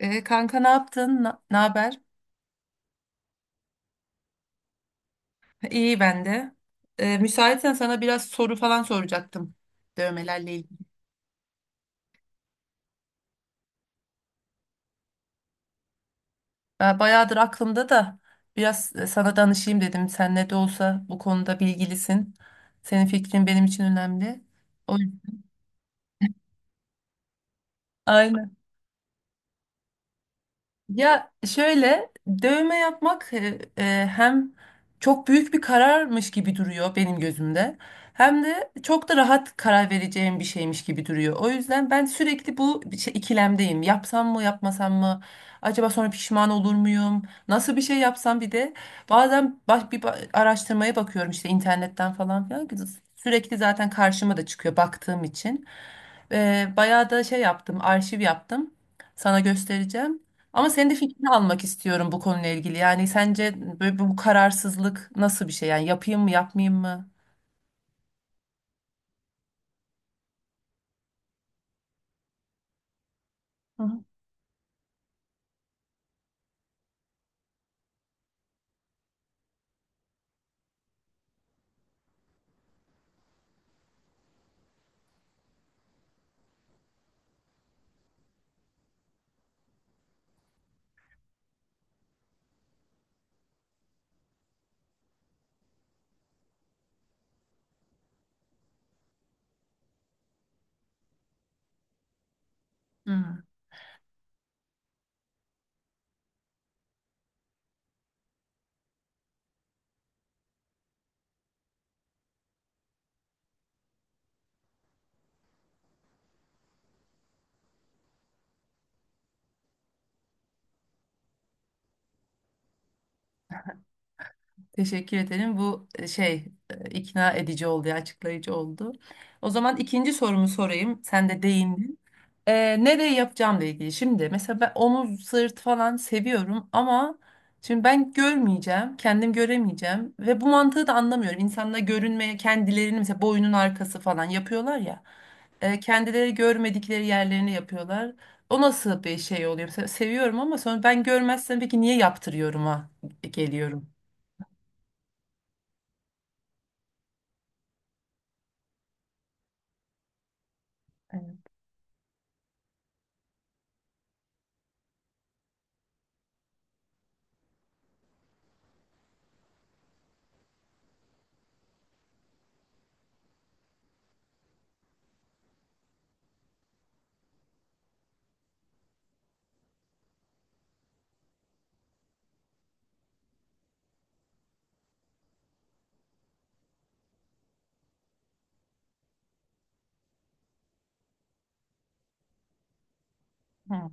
Kanka, ne yaptın? Ne haber? İyi ben de. Müsaitsen sana biraz soru falan soracaktım dövmelerle ilgili. Ben bayağıdır aklımda da biraz sana danışayım dedim. Sen ne de olsa bu konuda bilgilisin. Senin fikrin benim için önemli. O, Ya şöyle dövme yapmak hem çok büyük bir kararmış gibi duruyor benim gözümde. Hem de çok da rahat karar vereceğim bir şeymiş gibi duruyor. O yüzden ben sürekli ikilemdeyim. Yapsam mı, yapmasam mı? Acaba sonra pişman olur muyum? Nasıl bir şey yapsam bir de bazen araştırmaya bakıyorum işte internetten falan filan. Sürekli zaten karşıma da çıkıyor baktığım için. Bayağı da şey yaptım, arşiv yaptım. Sana göstereceğim. Ama senin de fikrini almak istiyorum bu konuyla ilgili. Yani sence böyle bu kararsızlık nasıl bir şey? Yani yapayım mı, yapmayayım mı? Hı hı. Hmm. Teşekkür ederim. Bu ikna edici oldu, ya, açıklayıcı oldu. O zaman ikinci sorumu sorayım. Sen de değindin. Nereye yapacağımla ilgili. Şimdi mesela ben omuz, sırt falan seviyorum ama şimdi ben görmeyeceğim, kendim göremeyeceğim ve bu mantığı da anlamıyorum. İnsanlar görünmeye kendilerini mesela boynun arkası falan yapıyorlar ya. Kendileri görmedikleri yerlerini yapıyorlar. O nasıl bir şey oluyor? Mesela seviyorum ama sonra ben görmezsem peki niye yaptırıyorum ha geliyorum. Evet. Hı.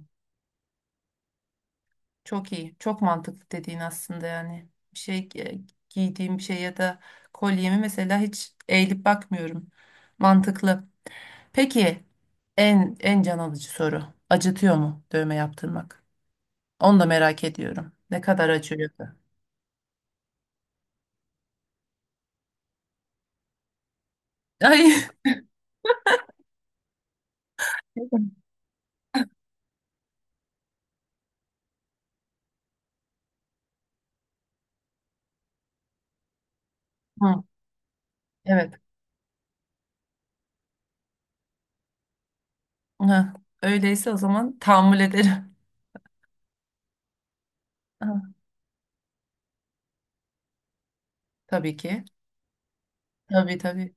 Çok iyi. Çok mantıklı dediğin aslında yani. Giydiğim bir şey ya da kolyemi mesela hiç eğilip bakmıyorum. Mantıklı. Peki en en can alıcı soru. Acıtıyor mu dövme yaptırmak? Onu da merak ediyorum. Ne kadar acıyor? Da. Ay. Hı, evet. Hı. Öyleyse o zaman tahammül ederim. Hı, tabii ki. Tabii tabii.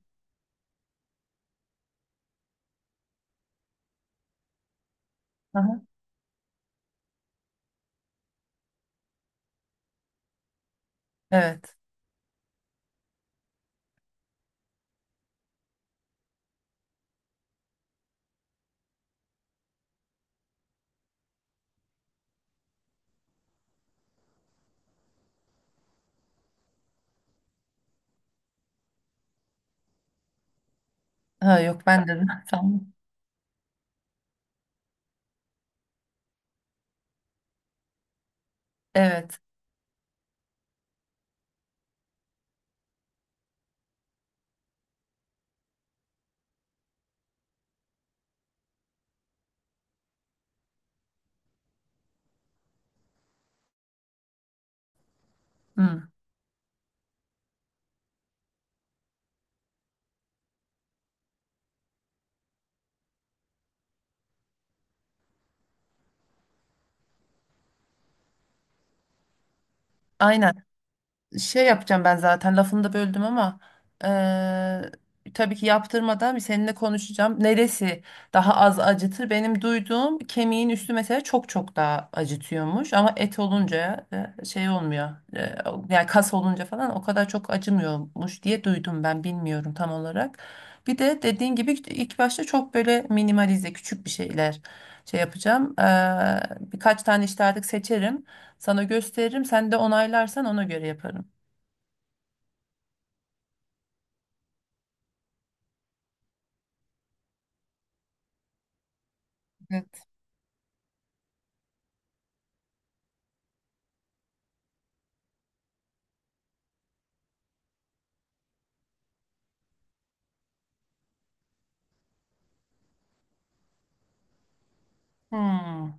Aha, evet. Ha, yok ben de. Tamam. Evet. Hı. Aynen. Şey yapacağım, ben zaten lafını da böldüm ama eee, tabii ki yaptırmadan bir seninle konuşacağım. Neresi daha az acıtır? Benim duyduğum kemiğin üstü mesela çok çok daha acıtıyormuş ama et olunca şey olmuyor. Yani kas olunca falan o kadar çok acımıyormuş diye duydum, ben bilmiyorum tam olarak. Bir de dediğin gibi ilk başta çok böyle minimalize küçük bir şeyler şey yapacağım. Birkaç tane işte artık seçerim. Sana gösteririm. Sen de onaylarsan ona göre yaparım. Evet. Hmm,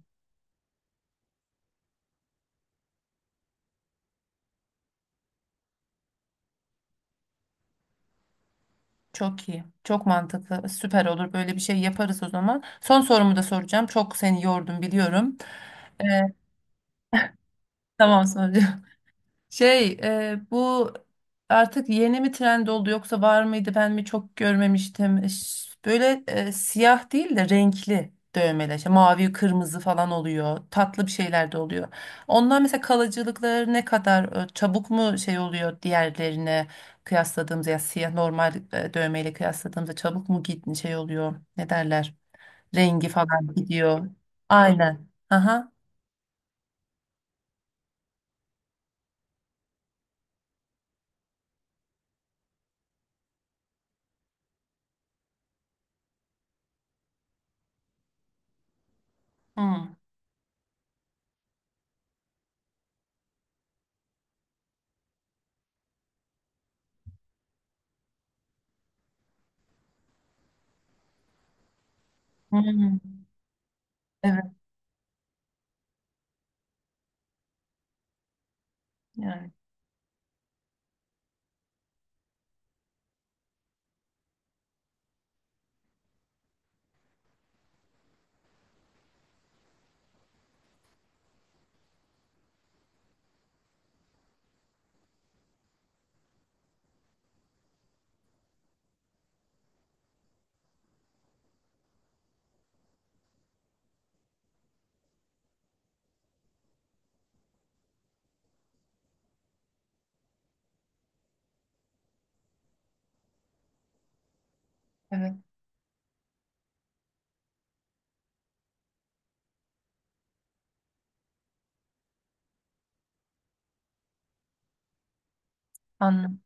çok iyi. Çok mantıklı. Süper olur. Böyle bir şey yaparız o zaman. Son sorumu da soracağım. Çok seni yordum biliyorum. Ee, tamam sonra. Şey, bu artık yeni mi trend oldu yoksa var mıydı ben mi çok görmemiştim. Böyle siyah değil de renkli dövmeler. İşte mavi, kırmızı falan oluyor. Tatlı bir şeyler de oluyor. Onlar mesela kalıcılıkları ne kadar çabuk mu şey oluyor diğerlerine kıyasladığımızda, ya siyah normal dövmeyle kıyasladığımızda çabuk mu git şey oluyor. Ne derler? Rengi falan gidiyor. Aynen. Aha. Hmm. Hmm. Evet. Yani evet. Anladım.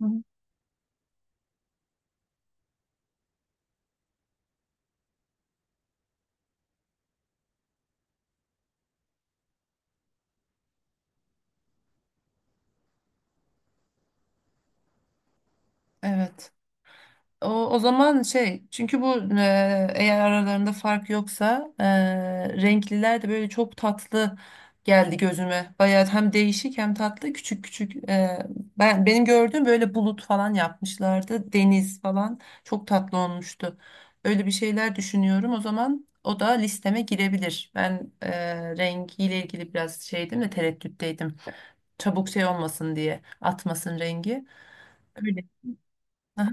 Hı hı. Evet. O, o zaman şey, çünkü bu eğer aralarında fark yoksa renkliler de böyle çok tatlı geldi gözüme. Bayağı hem değişik hem tatlı, küçük küçük. Ben benim gördüğüm böyle bulut falan yapmışlardı. Deniz falan çok tatlı olmuştu. Öyle bir şeyler düşünüyorum. O zaman o da listeme girebilir. Ben rengiyle ilgili biraz şeydim de, tereddütteydim. Çabuk şey olmasın diye, atmasın rengi. Öyle. Aha.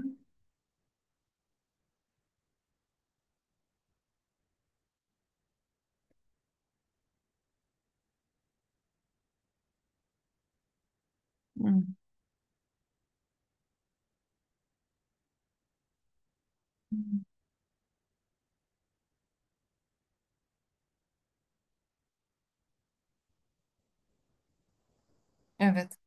Hı. Evet.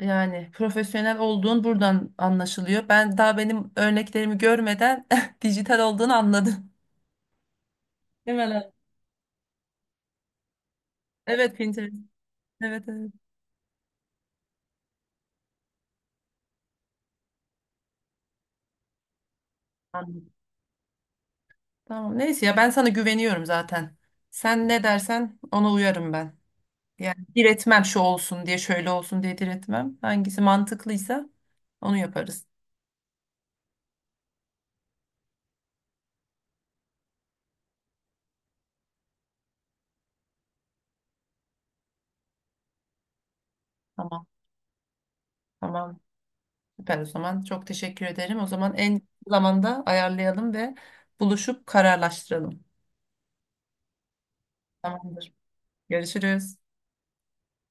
Yani profesyonel olduğun buradan anlaşılıyor. Ben daha benim örneklerimi görmeden dijital olduğunu anladım. Değil mi lan? Evet, Pinterest. Evet evet. Anladım. Tamam neyse ya, ben sana güveniyorum zaten. Sen ne dersen ona uyarım ben. Yani diretmem, şu olsun diye şöyle olsun diye diretmem. Hangisi mantıklıysa onu yaparız. Tamam. Tamam. Süper o zaman. Çok teşekkür ederim. O zaman en kısa zamanda ayarlayalım ve buluşup kararlaştıralım. Tamamdır. Görüşürüz.